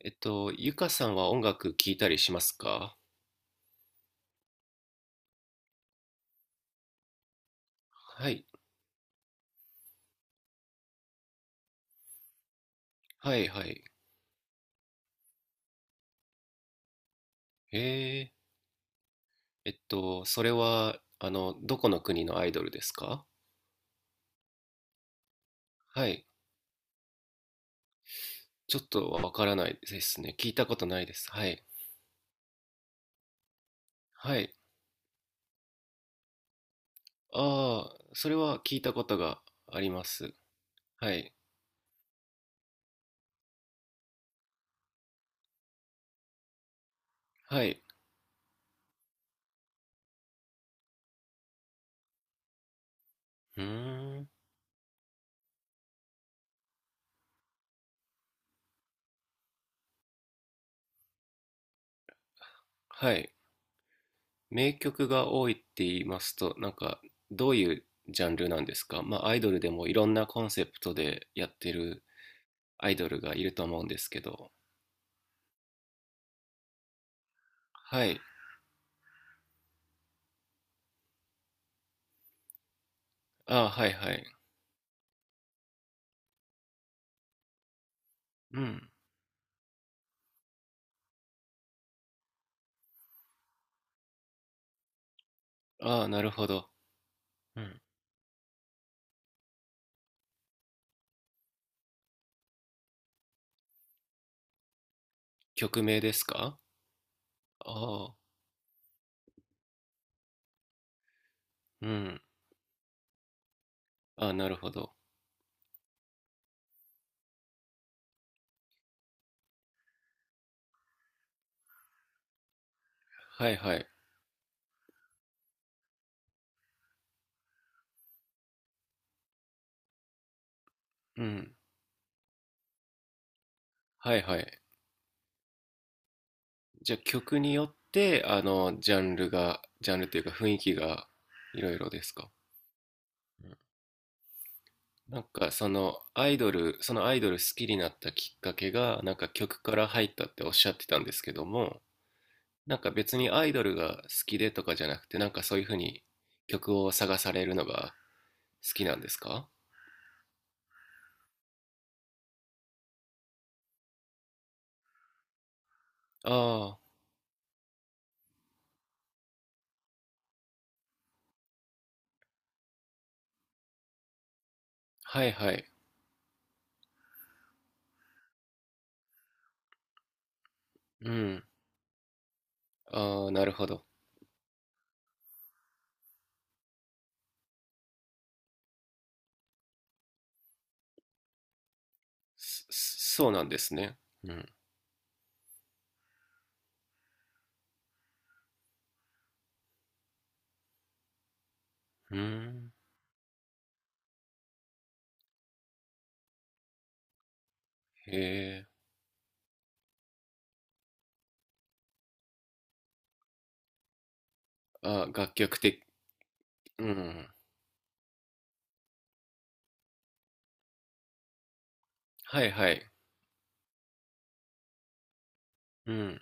ゆかさんは音楽聴いたりしますか？はい。はいはい。えそれは、どこの国のアイドルですか？はい。ちょっとわからないですね。聞いたことないです。はい。はい。ああ、それは聞いたことがあります。はい。はい。うーん。はい。名曲が多いって言いますと、なんか、どういうジャンルなんですか？まあ、アイドルでもいろんなコンセプトでやってるアイドルがいると思うんですけど。はい。ああ、はいはい。うん。ああ、なるほど。うん。曲名ですか？ああ、うん。ああ、なるほど。はいはい。うん。はいはい。じゃあ曲によって、ジャンルが、ジャンルというか雰囲気がいろいろですか？なんかそのアイドル好きになったきっかけが、なんか曲から入ったっておっしゃってたんですけども、なんか別にアイドルが好きでとかじゃなくて、なんかそういうふうに曲を探されるのが好きなんですか？ああ、はいはい。うん。ああ、なるほど。そうなんですね。うん。うん。へえ。ああ、楽曲的。うん。はいはい。うん。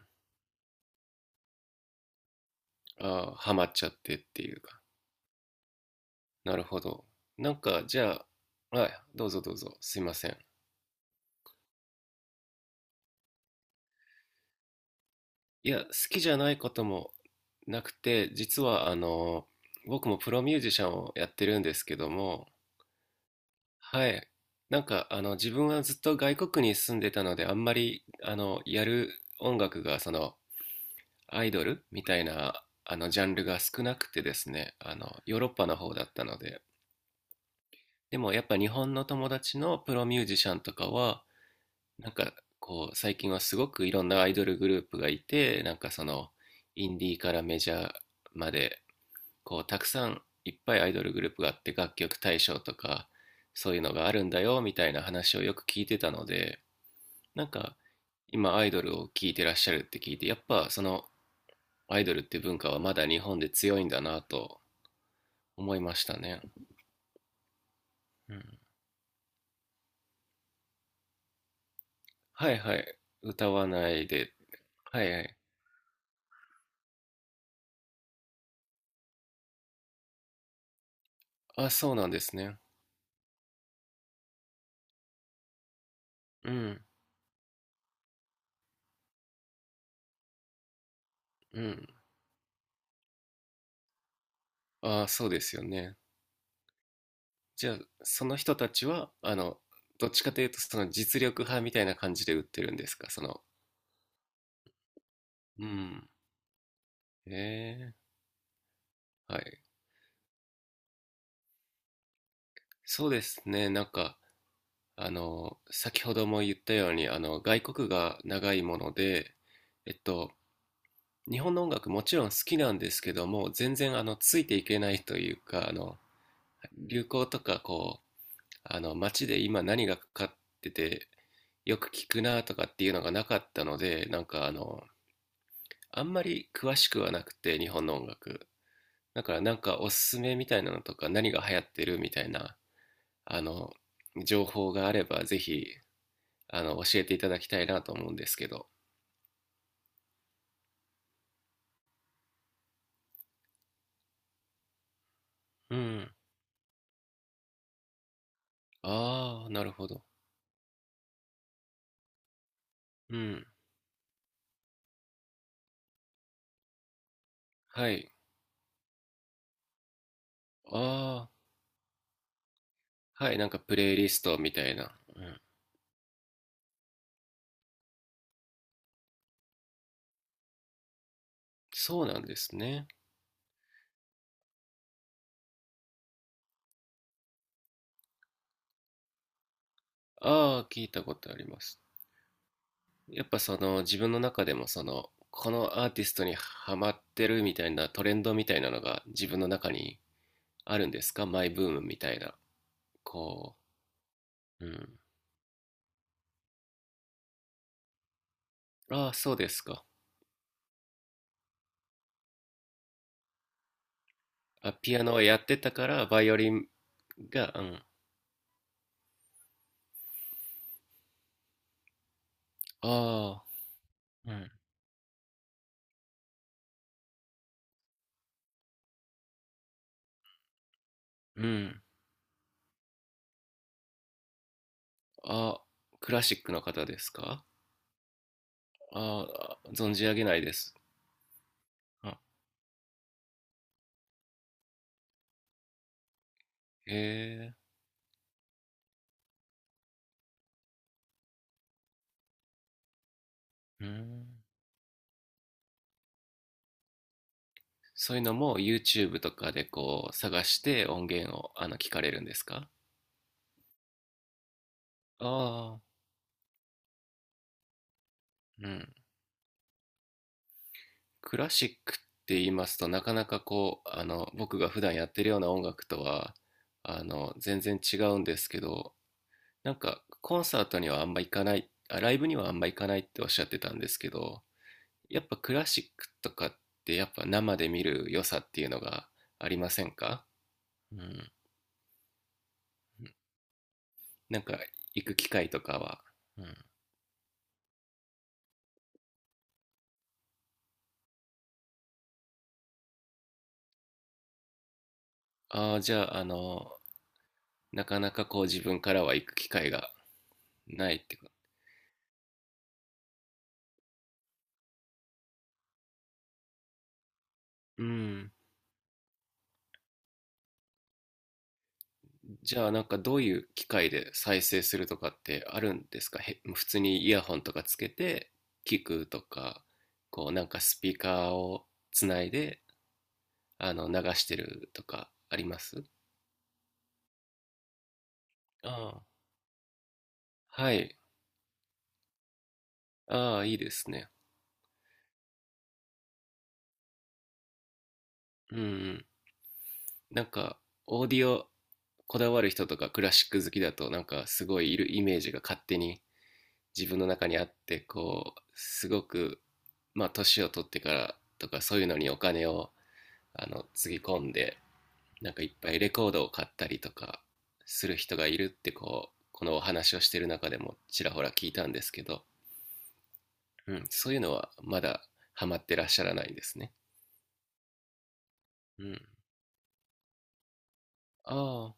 ああ、ハマっちゃってっていうか。なるほど。なんか、じゃあ、はい、どうぞどうぞ。すいません。いや、好きじゃないこともなくて、実は、僕もプロミュージシャンをやってるんですけども、はい。なんか、自分はずっと外国に住んでたので、あんまり、やる音楽が、その、アイドルみたいな、ジャンルが少なくてですね、ヨーロッパの方だったので、でもやっぱ日本の友達のプロミュージシャンとかは、なんか、こう、最近はすごくいろんなアイドルグループがいて、なんかその、インディーからメジャーまで、こうたくさんいっぱいアイドルグループがあって楽曲大賞とかそういうのがあるんだよみたいな話をよく聞いてたので、なんか今アイドルを聞いてらっしゃるって聞いてやっぱそのアイドルって文化はまだ日本で強いんだなと思いましたね。うん。はいはい、歌わないで。はいはい。あ、そうなんですね。うんうん。あ、そうですよね。じゃあその人たちはどっちかというとその実力派みたいな感じで売ってるんですか？その、うん。えはい。そうですね。なんか、先ほども言ったように、外国が長いもので、えっと、日本の音楽もちろん好きなんですけども、全然、ついていけないというか、流行とか、こう、街で今何がかかってて、よく聞くなとかっていうのがなかったので、なんか、あんまり詳しくはなくて、日本の音楽。だから、なんか、おすすめみたいなのとか、何が流行ってるみたいな、あの、情報があれば、ぜひ、教えていただきたいなと思うんですけど。うん。ああ、なるほど。うん。はい。ああ、はい。なんかプレイリストみたいな。うん。そうなんですね。ああ、聞いたことあります。やっぱその、自分の中でもその、このアーティストにハマってるみたいなトレンドみたいなのが自分の中にあるんですか？マイブームみたいな。こう。うん。ああ、そうですか。あ、ピアノをやってたから、バイオリンが、うん、ああ、うん、うん。あ、クラシックの方ですか？ああ、存じ上げないです。あ、へえ、うん。そういうのも YouTube とかでこう探して音源を聞かれるんですか？ああ、うん。クラシックって言いますとなかなかこう、僕が普段やってるような音楽とは、全然違うんですけど、なんかコンサートにはあんま行かない、あ、ライブにはあんま行かないっておっしゃってたんですけど、やっぱクラシックとかってやっぱ生で見る良さっていうのがありませんか？うん。なんか行く機会とかは。うん。ああ、じゃあ、なかなかこう自分からは行く機会がないっていうか。うん。じゃあなんかどういう機会で再生するとかってあるんですか？へ、普通にイヤホンとかつけて聞くとか、こうなんかスピーカーをつないで流してるとかあります？ああ。はい。ああ、いいですね。うんうん。なんか、オーディオこだわる人とかクラシック好きだと、なんかすごいいるイメージが勝手に自分の中にあって、こう、すごく、まあ、年を取ってからとか、そういうのにお金を、つぎ込んで、なんかいっぱいレコードを買ったりとかする人がいるって、こう、このお話をしてる中でもちらほら聞いたんですけど、うん、そういうのはまだハマってらっしゃらないんですね。うん。ああ、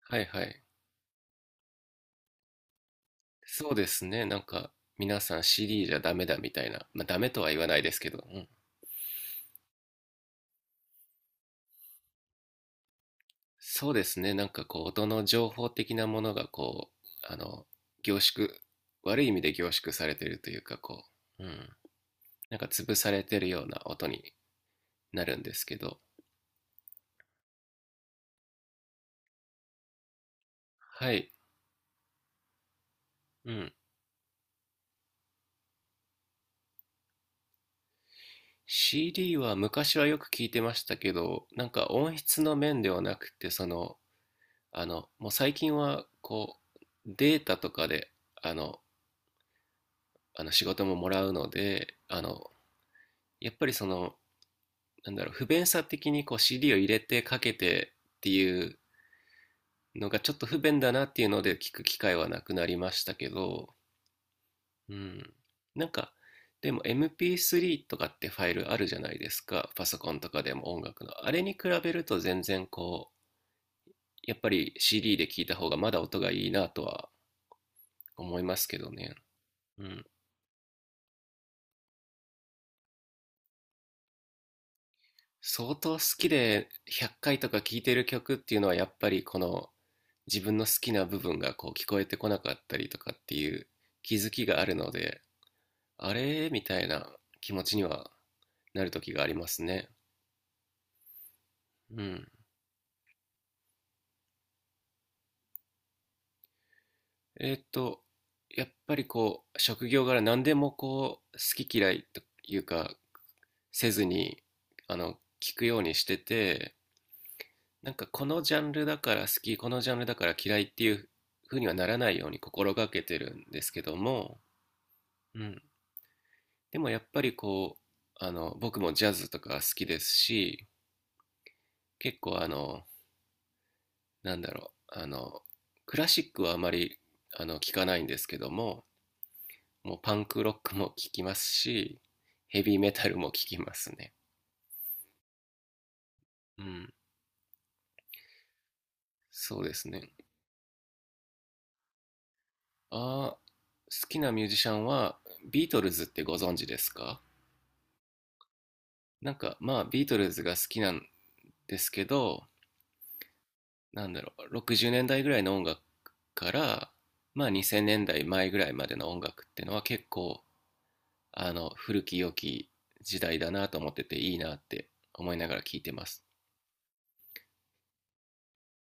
はいはい。そうですね。なんか、皆さん CD じゃダメだみたいな。まあ、ダメとは言わないですけど、うん。そうですね。なんかこう、音の情報的なものがこう、あの、凝縮、悪い意味で凝縮されてるというか、こう、うん。なんか潰されてるような音になるんですけど、はい。うん。CD は昔はよく聞いてましたけど、なんか音質の面ではなくて、その、もう最近は、こう、データとかで、あの、仕事ももらうのでやっぱりそのなんだろう不便さ的にこう CD を入れてかけてっていうのがちょっと不便だなっていうので聞く機会はなくなりましたけど、うん、なんかでも MP3 とかってファイルあるじゃないですか？パソコンとかでも音楽のあれに比べると全然こうやっぱり CD で聞いた方がまだ音がいいなとは思いますけどね。うん。相当好きで100回とか聴いてる曲っていうのはやっぱりこの自分の好きな部分がこう聞こえてこなかったりとかっていう気づきがあるので、あれみたいな気持ちにはなる時がありますね。うん。えーっと、やっぱりこう職業柄何でもこう好き嫌いというかせずに聞くようにしてて、なんかこのジャンルだから好き、このジャンルだから嫌いっていうふうにはならないように心がけてるんですけども、うん。でもやっぱりこう、僕もジャズとか好きですし、結構なんだろう、クラシックはあまり、聞かないんですけども、もうパンクロックも聞きますし、ヘビーメタルも聞きますね。うん。そうですね。ああ、好きなミュージシャンは、ビートルズってご存知ですか？なんかまあビートルズが好きなんですけど、なんだろう、60年代ぐらいの音楽から、まあ、2000年代前ぐらいまでの音楽っていうのは結構古き良き時代だなと思ってていいなって思いながら聴いてます。